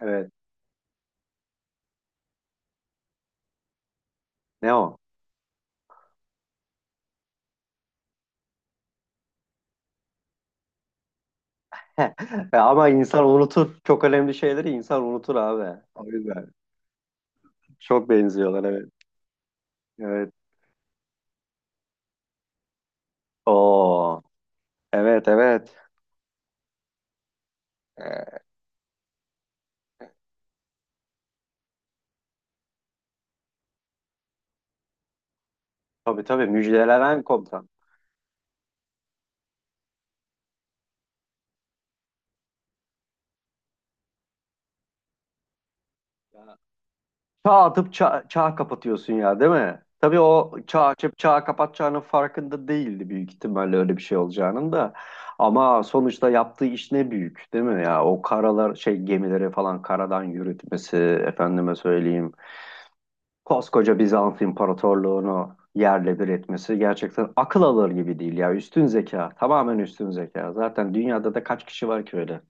Evet. Ne o? Ama insan unutur. Çok önemli şeyleri insan unutur abi. O yüzden. Çok benziyorlar evet. Evet. Oo. Evet evet. Ee, tabii tabii müjdelenen komutan. Ya, çağ atıp çağ kapatıyorsun ya değil mi? Tabii o çağ açıp çağ kapatacağının farkında değildi büyük ihtimalle öyle bir şey olacağının da. Ama sonuçta yaptığı iş ne büyük değil mi ya? O karalar şey gemileri falan karadan yürütmesi efendime söyleyeyim. Koskoca Bizans İmparatorluğunu yerle bir etmesi gerçekten akıl alır gibi değil ya. Üstün zeka, tamamen üstün zeka. Zaten dünyada da kaç kişi var ki öyle?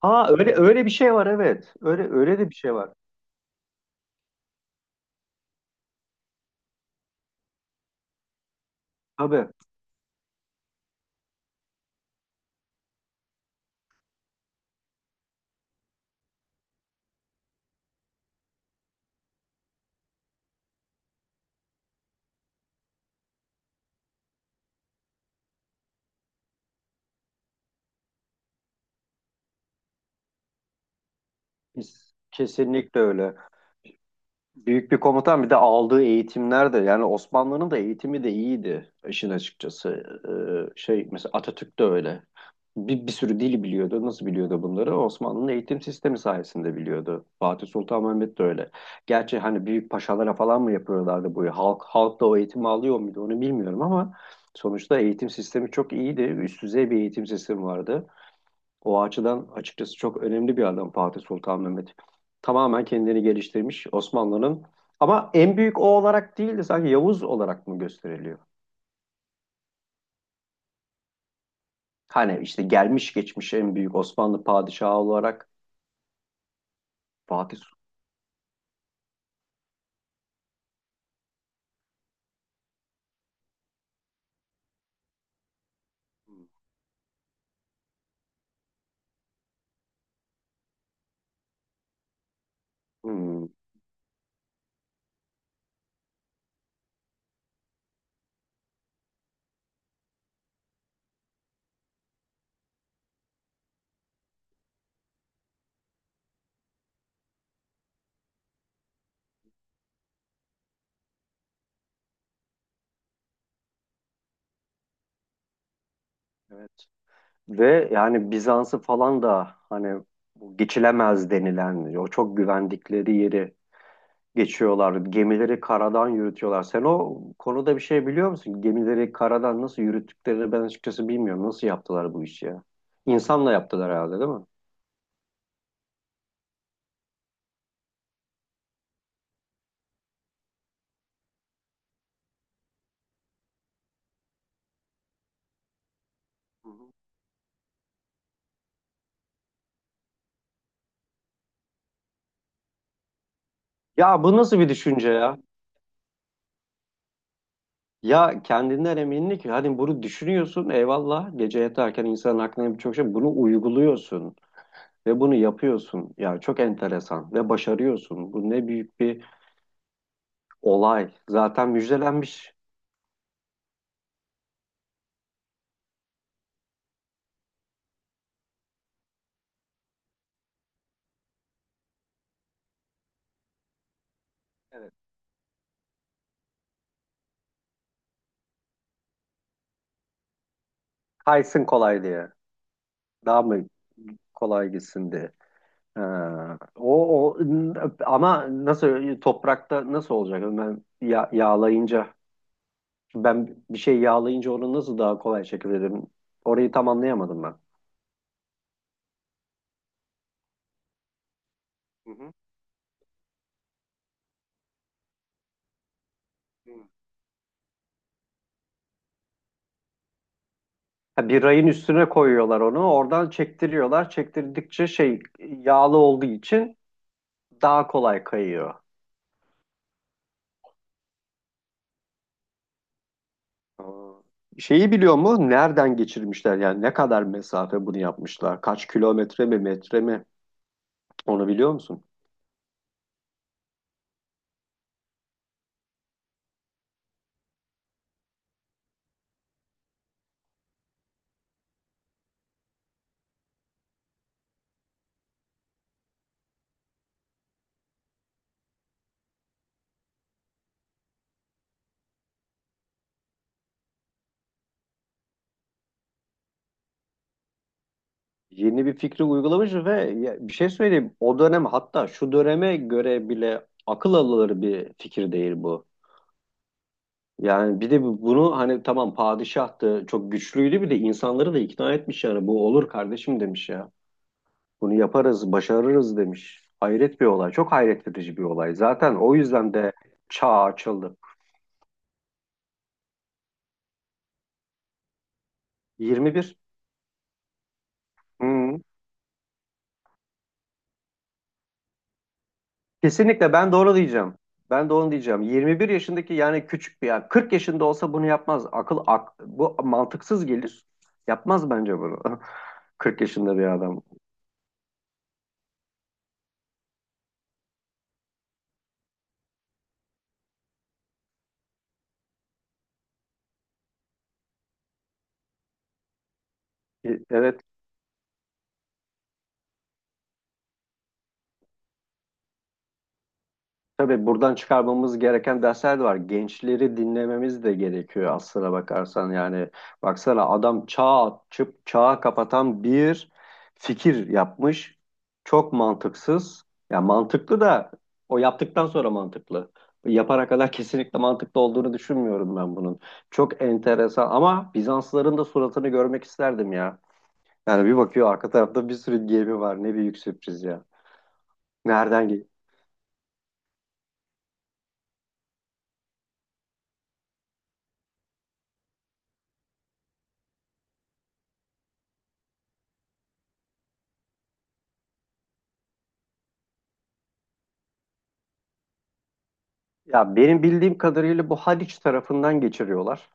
Ha öyle öyle bir şey var evet. Öyle öyle de bir şey var. Tabii biz kesinlikle öyle. Büyük bir komutan bir de aldığı eğitimler de yani Osmanlı'nın da eğitimi de iyiydi işin açıkçası. Şey mesela Atatürk de öyle. Bir sürü dili biliyordu. Nasıl biliyordu bunları? Osmanlı'nın eğitim sistemi sayesinde biliyordu. Fatih Sultan Mehmet de öyle. Gerçi hani büyük paşalara falan mı yapıyorlardı bu? Halk da o eğitimi alıyor muydu onu bilmiyorum ama sonuçta eğitim sistemi çok iyiydi. Üst düzey bir eğitim sistemi vardı. O açıdan açıkçası çok önemli bir adam Fatih Sultan Mehmet. Tamamen kendini geliştirmiş Osmanlı'nın. Ama en büyük o olarak değil de sanki Yavuz olarak mı gösteriliyor? Hani işte gelmiş geçmiş en büyük Osmanlı padişahı olarak Fatih Sultan. Hmm, evet. Ve yani Bizans'ı falan da hani bu geçilemez denilen o çok güvendikleri yeri geçiyorlar. Gemileri karadan yürütüyorlar. Sen o konuda bir şey biliyor musun? Gemileri karadan nasıl yürüttüklerini ben açıkçası bilmiyorum. Nasıl yaptılar bu işi ya? İnsanla yaptılar herhalde değil mi? Hı hı. Ya bu nasıl bir düşünce ya? Ya kendinden eminlik. Hani bunu düşünüyorsun eyvallah. Gece yatarken insanın aklına birçok şey. Bunu uyguluyorsun. Ve bunu yapıyorsun. Yani çok enteresan. Ve başarıyorsun. Bu ne büyük bir olay. Zaten müjdelenmiş. Evet. Kaysın kolay diye. Daha mı kolay gitsin diye. Ha, o ama nasıl toprakta nasıl olacak? Ben ya- yağlayınca ben bir şey yağlayınca onu nasıl daha kolay çekebilirim? Orayı tam anlayamadım ben. Hı hı. Hı. Ha, bir rayın üstüne koyuyorlar onu. Oradan çektiriyorlar. Çektirdikçe şey yağlı olduğu için daha kolay kayıyor. Aa. Şeyi biliyor mu? Nereden geçirmişler? Yani ne kadar mesafe bunu yapmışlar? Kaç kilometre mi, metre mi? Onu biliyor musun? Yeni bir fikri uygulamış ve ya bir şey söyleyeyim. O dönem hatta şu döneme göre bile akıl alır bir fikir değil bu. Yani bir de bu- bunu hani tamam padişahtı, çok güçlüydü bir de insanları da ikna etmiş yani bu olur kardeşim demiş ya. Bunu yaparız, başarırız demiş. Hayret bir olay. Çok hayret verici bir olay. Zaten o yüzden de çağ açıldı. 21. Hı. Kesinlikle ben doğru diyeceğim. Ben de onu diyeceğim. 21 yaşındaki yani küçük bir yani 40 yaşında olsa bunu yapmaz. Akıl ak, bu mantıksız gelir. Yapmaz bence bunu. 40 yaşında bir adam. Evet. Tabii buradan çıkarmamız gereken dersler de var. Gençleri dinlememiz de gerekiyor aslına bakarsan. Yani baksana adam çağ açıp çağı kapatan bir fikir yapmış. Çok mantıksız. Ya mantıklı da o yaptıktan sonra mantıklı. Yapana kadar kesinlikle mantıklı olduğunu düşünmüyorum ben bunun. Çok enteresan ama Bizansların da suratını görmek isterdim ya. Yani bir bakıyor arka tarafta bir sürü gemi var. Ne büyük sürpriz ya. Nereden? Ya benim bildiğim kadarıyla bu Haliç tarafından geçiriyorlar.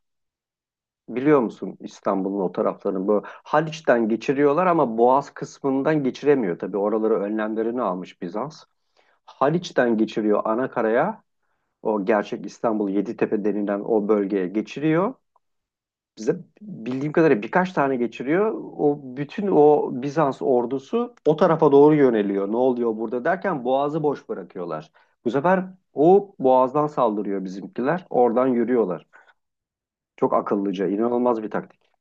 Biliyor musun İstanbul'un o taraflarını? Bu Haliç'ten geçiriyorlar ama Boğaz kısmından geçiremiyor tabii. Oraları önlemlerini almış Bizans. Haliç'ten geçiriyor ana karaya. O gerçek İstanbul, Yeditepe denilen o bölgeye geçiriyor bize, bildiğim kadarıyla birkaç tane geçiriyor. O bütün o Bizans ordusu o tarafa doğru yöneliyor. Ne oluyor burada derken boğazı boş bırakıyorlar. Bu sefer o boğazdan saldırıyor bizimkiler. Oradan yürüyorlar. Çok akıllıca, inanılmaz bir taktik.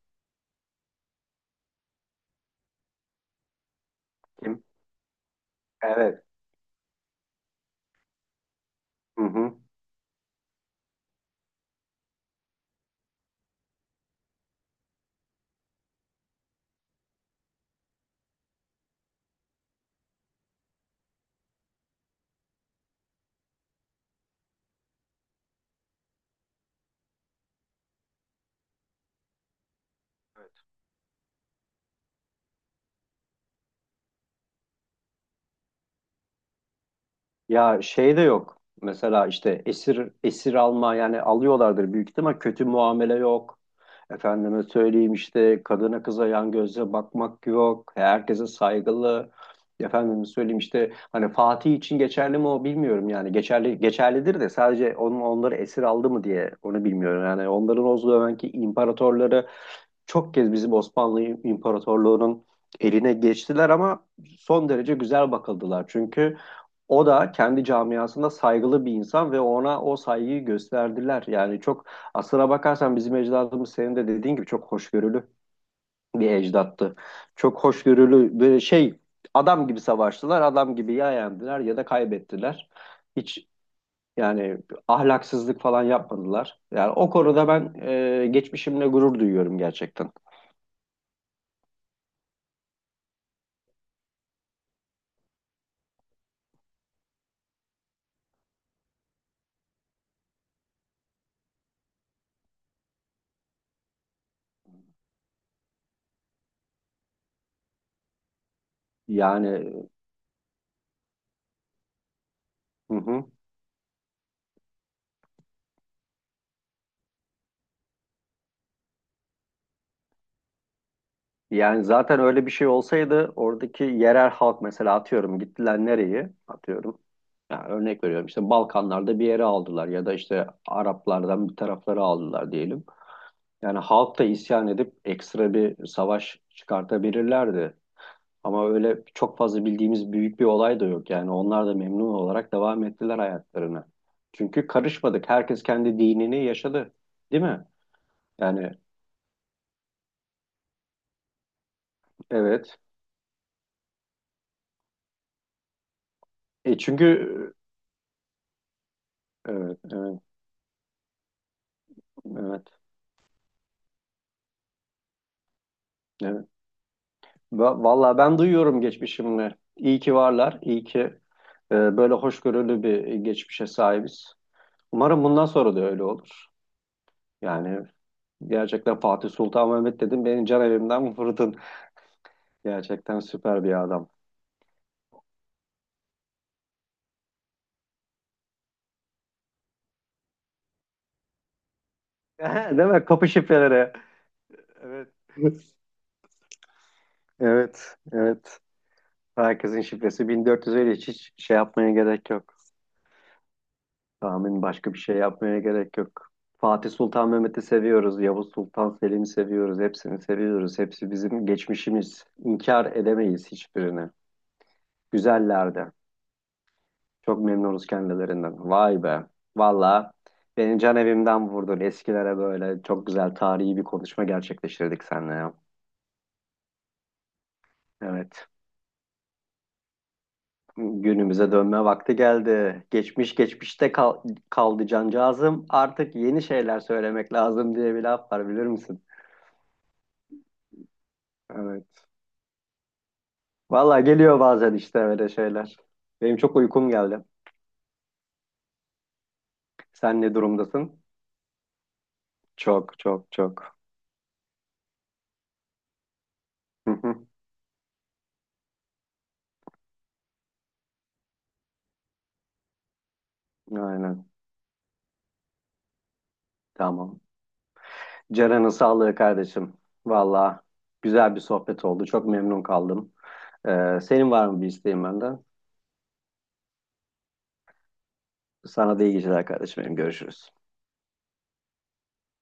Kim? Evet. Hı hı. Ya şey de yok. Mesela işte esir esir alma yani alıyorlardır büyük ihtimal, kötü muamele yok. Efendime söyleyeyim işte kadına kıza yan gözle bakmak yok. Herkese saygılı. Efendime söyleyeyim işte hani Fatih için geçerli mi o bilmiyorum yani. Geçerli geçerlidir de sadece onun onları esir aldı mı diye onu bilmiyorum. Yani onların o zamanki imparatorları çok kez bizim Osmanlı İmparatorluğu'nun eline geçtiler ama son derece güzel bakıldılar. Çünkü o da kendi camiasında saygılı bir insan ve ona o saygıyı gösterdiler. Yani çok aslına bakarsan bizim ecdadımız senin de dediğin gibi çok hoşgörülü bir ecdattı. Çok hoşgörülü böyle şey, adam gibi savaştılar, adam gibi ya yendiler ya da kaybettiler. Hiç yani ahlaksızlık falan yapmadılar. Yani o konuda ben geçmişimle gurur duyuyorum gerçekten. Yani hı hı. Yani zaten öyle bir şey olsaydı oradaki yerel halk mesela atıyorum gittiler nereye atıyorum. Yani örnek veriyorum işte Balkanlarda bir yere aldılar ya da işte Araplardan bir tarafları aldılar diyelim. Yani halk da isyan edip ekstra bir savaş çıkartabilirlerdi. Ama öyle çok fazla bildiğimiz büyük bir olay da yok. Yani onlar da memnun olarak devam ettiler hayatlarına. Çünkü karışmadık. Herkes kendi dinini yaşadı. Değil mi? Yani evet. E çünkü evet, evet, evet, evet. Va- Vallahi ben duyuyorum geçmişimle. İyi ki varlar. İyi ki böyle hoşgörülü bir geçmişe sahibiz. Umarım bundan sonra da öyle olur. Yani gerçekten Fatih Sultan Mehmet dedim. Benim can evimden vurdun. Gerçekten süper bir adam. Değil mi? Kapı şifreleri. Evet. Evet, evet. Herkesin şifresi 1400, öyle hiç şey yapmaya gerek yok. Tahmin, başka bir şey yapmaya gerek yok. Fatih Sultan Mehmet'i seviyoruz, Yavuz Sultan Selim'i seviyoruz, hepsini seviyoruz. Hepsi bizim geçmişimiz. İnkar edemeyiz hiçbirini. Güzellerdi. Çok memnunuz kendilerinden. Vay be. Valla beni can evimden vurdun. Eskilere böyle çok güzel tarihi bir konuşma gerçekleştirdik seninle ya. Evet. Günümüze dönme vakti geldi. Geçmiş geçmişte kaldı cancağızım. Artık yeni şeyler söylemek lazım diye bir laf var bilir misin? Evet. Valla geliyor bazen işte öyle şeyler. Benim çok uykum geldi. Sen ne durumdasın? Çok çok çok. Hı hı. Aynen. Tamam. Ceren'in sağlığı kardeşim. Valla güzel bir sohbet oldu. Çok memnun kaldım. Senin var mı bir isteğin benden? Sana da iyi geceler kardeşim benim. Görüşürüz.